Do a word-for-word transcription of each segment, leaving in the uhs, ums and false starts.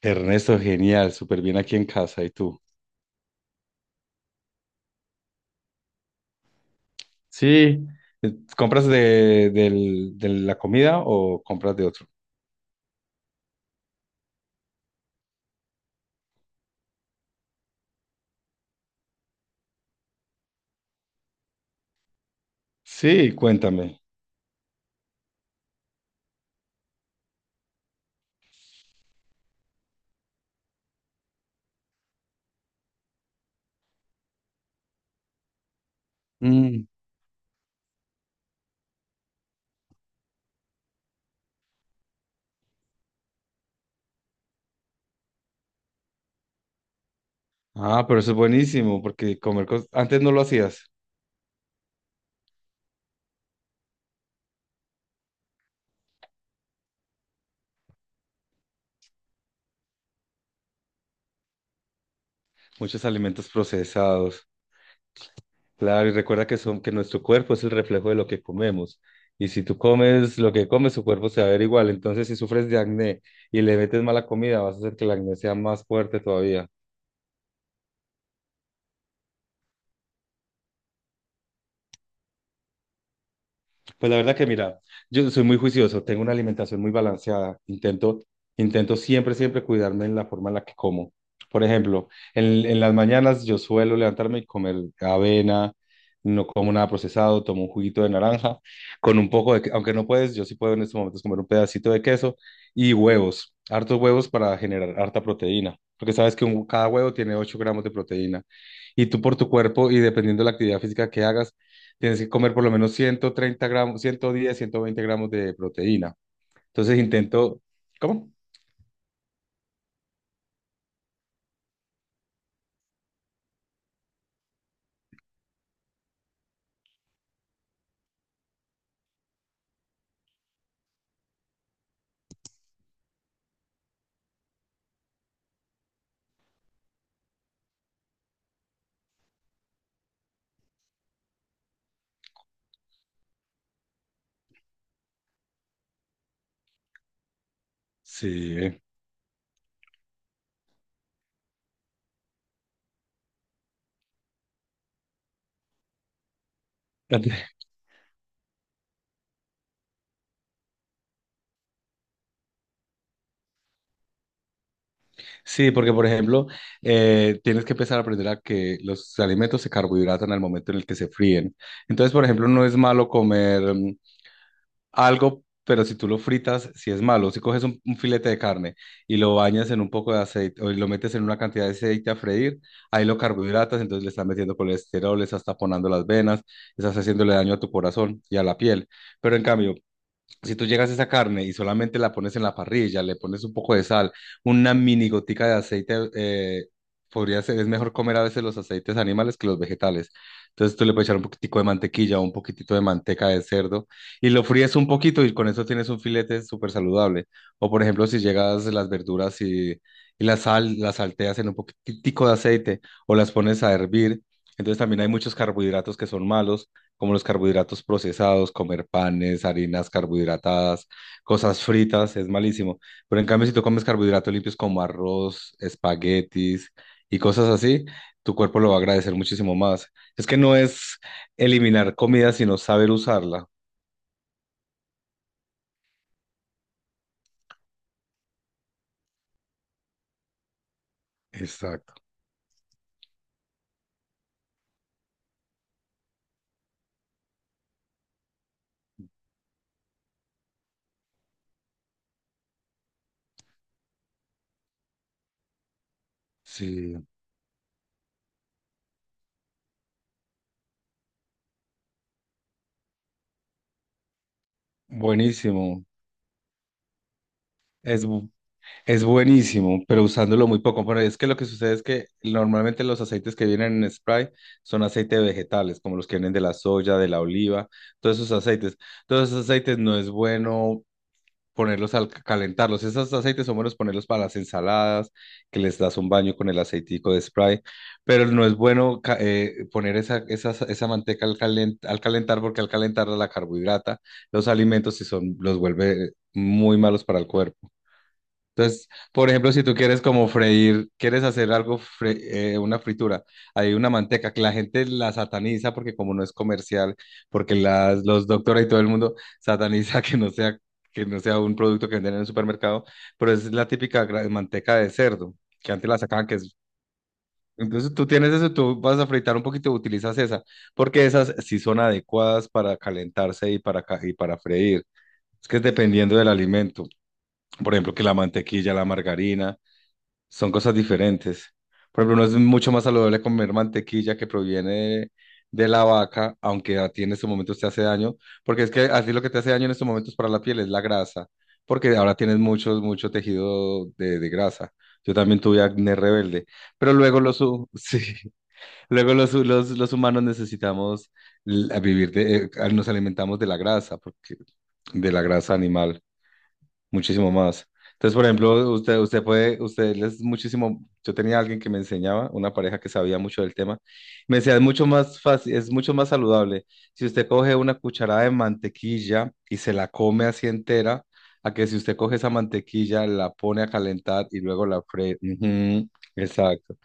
Ernesto, genial, súper bien aquí en casa. ¿Y tú? Sí. Eh, ¿Compras de, del- de la comida o compras de otro? Sí, cuéntame. Mm. Ah, pero eso es buenísimo, porque comer cos- antes no lo hacías. Muchos alimentos procesados. Claro, y recuerda que son que nuestro cuerpo es el reflejo de lo que comemos. Y si tú comes lo que comes, tu cuerpo se va a ver igual. Entonces, si sufres de acné y le metes mala comida, vas a hacer que el acné sea más fuerte todavía. Pues la verdad que mira, yo soy muy juicioso, tengo una alimentación muy balanceada, intento, intento siempre, siempre cuidarme en la forma en la que como. Por ejemplo, en, en las mañanas yo suelo levantarme y comer avena, no como nada procesado, tomo un juguito de naranja, con un poco de, que- aunque no puedes, yo sí puedo en estos momentos comer un pedacito de queso y huevos, hartos huevos para generar harta proteína, porque sabes que un- cada huevo tiene ocho gramos de proteína. Y tú por tu cuerpo y dependiendo de la actividad física que hagas, tienes que comer por lo menos ciento treinta gramos, ciento diez, ciento veinte gramos de proteína. Entonces intento, ¿cómo? Sí, sí, porque por ejemplo, eh, tienes que empezar a aprender a que los alimentos se carbohidratan al momento en el que se fríen. Entonces, por ejemplo, no es malo comer mm, algo, pero si tú lo fritas, si es malo. Si coges un, un filete de carne y lo bañas en un poco de aceite o lo metes en una cantidad de aceite a freír, ahí lo carbohidratas, entonces le estás metiendo colesterol, le estás taponando las venas, estás haciéndole daño a tu corazón y a la piel. Pero en cambio, si tú llegas a esa carne y solamente la pones en la parrilla, le pones un poco de sal, una mini gotica de aceite, eh, podría ser, es mejor comer a veces los aceites animales que los vegetales. Entonces tú le puedes echar un poquitico de mantequilla o un poquitito de manteca de cerdo y lo fríes un poquito y con eso tienes un filete súper saludable. O por ejemplo, si llegas las verduras y, y la sal, las salteas en un poquitico de aceite o las pones a hervir. Entonces también hay muchos carbohidratos que son malos como los carbohidratos procesados, comer panes, harinas carbohidratadas, cosas fritas, es malísimo. Pero en cambio, si tú comes carbohidratos limpios como arroz, espaguetis y cosas así, tu cuerpo lo va a agradecer muchísimo más. Es que no es eliminar comida, sino saber usarla. Exacto. Sí. Buenísimo. Es, Es buenísimo, pero usándolo muy poco. Bueno, es que lo que sucede es que normalmente los aceites que vienen en spray son aceites vegetales, como los que vienen de la soya, de la oliva, todos esos aceites. Todos esos aceites no es bueno ponerlos al calentarlos. Esos aceites son buenos ponerlos para las ensaladas, que les das un baño con el aceitico de spray, pero no es bueno ca- eh, poner esa, esa, esa manteca al calen- al calentar, porque al calentarla la carbohidrata, los alimentos, y son, los vuelve muy malos para el cuerpo. Entonces, por ejemplo, si tú quieres como freír, quieres hacer algo, fre- eh, una fritura, hay una manteca que la gente la sataniza porque como no es comercial, porque las, los doctores y todo el mundo sataniza que no sea, que no sea un producto que venden en el supermercado, pero es la típica gra- manteca de cerdo, que antes la sacaban que es... Entonces tú tienes eso, tú vas a fritar un poquito, utilizas esa, porque esas sí son adecuadas para calentarse y para, ca- y para freír. Es que es dependiendo del alimento. Por ejemplo, que la mantequilla, la margarina. Son cosas diferentes. Por ejemplo, uno es mucho más saludable comer mantequilla que proviene de la vaca, aunque a ti en estos momentos te hace daño, porque es que así lo que te hace daño en estos momentos para la piel es la grasa, porque ahora tienes mucho, mucho tejido de, de grasa. Yo también tuve acné rebelde, pero luego los, hu- sí, luego los, hu- los, los humanos necesitamos l- vivir de, eh, nos alimentamos de la grasa, porque de la grasa animal muchísimo más. Entonces, por ejemplo, usted, usted puede, usted es muchísimo, yo tenía alguien que me enseñaba, una pareja que sabía mucho del tema, me decía, es mucho más fácil, es mucho más saludable. Si usted coge una cucharada de mantequilla y se la come así entera, a que si usted coge esa mantequilla, la pone a calentar y luego la fríe. Ujú, exacto.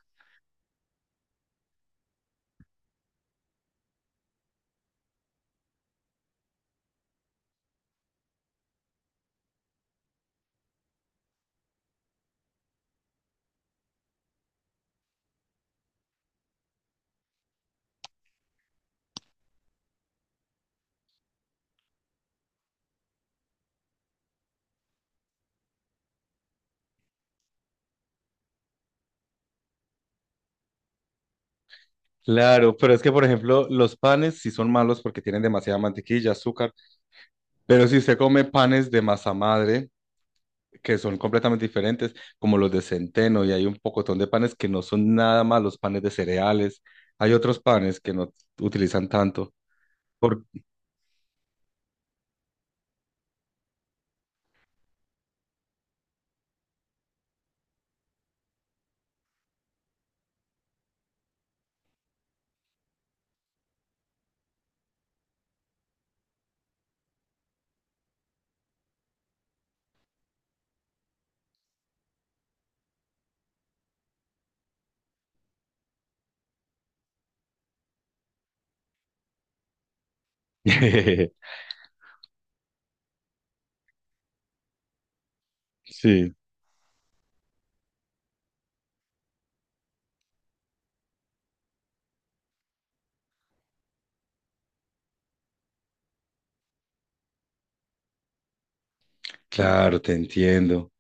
Claro, pero es que, por ejemplo, los panes sí son malos porque tienen demasiada mantequilla, azúcar, pero si usted come panes de masa madre, que son completamente diferentes, como los de centeno, y hay un pocotón de panes que no son nada más los panes de cereales. Hay otros panes que no utilizan tanto. Por... Sí, claro, te entiendo.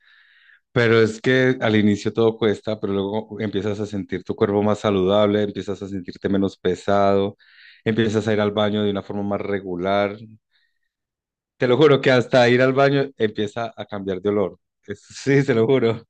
Pero es que al inicio todo cuesta, pero luego empiezas a sentir tu cuerpo más saludable, empiezas a sentirte menos pesado, empiezas a ir al baño de una forma más regular. Te lo juro que hasta ir al baño empieza a cambiar de olor. Es- Sí, se lo juro.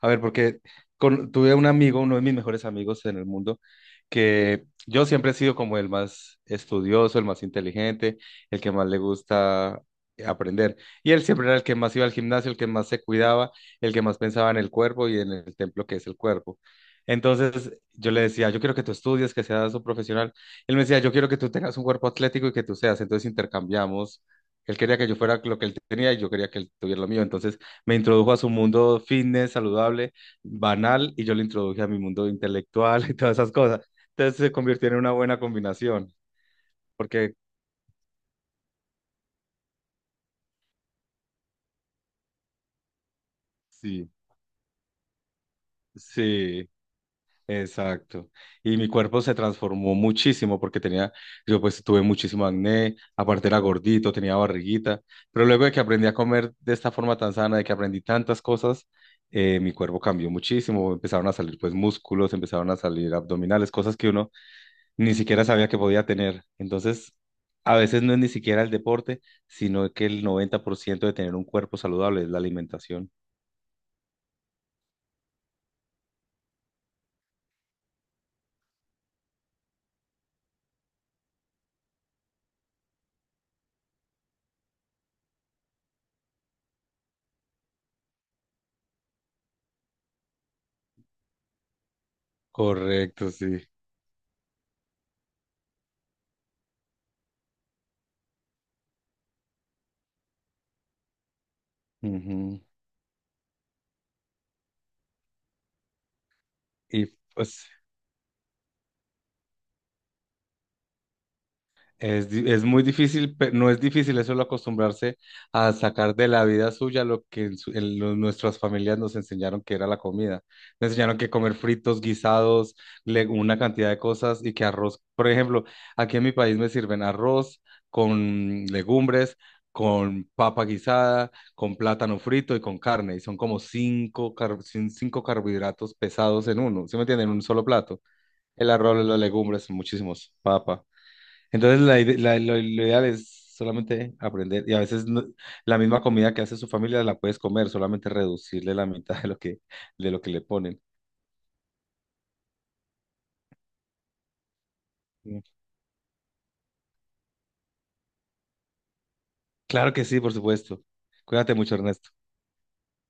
A ver, porque con- tuve un amigo, uno de mis mejores amigos en el mundo, que yo siempre he sido como el más estudioso, el más inteligente, el que más le gusta aprender. Y él siempre era el que más iba al gimnasio, el que más se cuidaba, el que más pensaba en el cuerpo y en el templo que es el cuerpo. Entonces yo le decía, yo quiero que tú estudies, que seas un profesional. Él me decía, yo quiero que tú tengas un cuerpo atlético y que tú seas. Entonces intercambiamos. Él quería que yo fuera lo que él tenía y yo quería que él tuviera lo mío. Entonces me introdujo a su mundo fitness, saludable, banal, y yo le introduje a mi mundo intelectual y todas esas cosas. Entonces se convirtió en una buena combinación, porque sí, sí, exacto. Y mi cuerpo se transformó muchísimo porque tenía, yo pues tuve muchísimo acné, aparte era gordito, tenía barriguita, pero luego de que aprendí a comer de esta forma tan sana, de que aprendí tantas cosas, eh, mi cuerpo cambió muchísimo, empezaron a salir pues músculos, empezaron a salir abdominales, cosas que uno ni siquiera sabía que podía tener. Entonces, a veces no es ni siquiera el deporte, sino que el noventa por ciento de tener un cuerpo saludable es la alimentación. Correcto, sí. Ujú. Y pues Es, di- es muy difícil, pero no es difícil, eso solo acostumbrarse a sacar de la vida suya lo que en su- en lo- nuestras familias nos enseñaron que era la comida. Nos enseñaron que comer fritos, guisados, le- una cantidad de cosas y que arroz, por ejemplo, aquí en mi país me sirven arroz con legumbres, con papa guisada, con plátano frito y con carne. Y son como cinco, car- cin- cinco carbohidratos pesados en uno, ¿sí me entienden? En un solo plato. El arroz, las legumbres, muchísimos, papa. Entonces, la, ide- la- lo, lo ideal es solamente aprender. Y a veces no- la misma comida que hace su familia la puedes comer, solamente reducirle la mitad de lo que, de lo que, le ponen. Sí. Claro que sí, por supuesto. Cuídate mucho, Ernesto.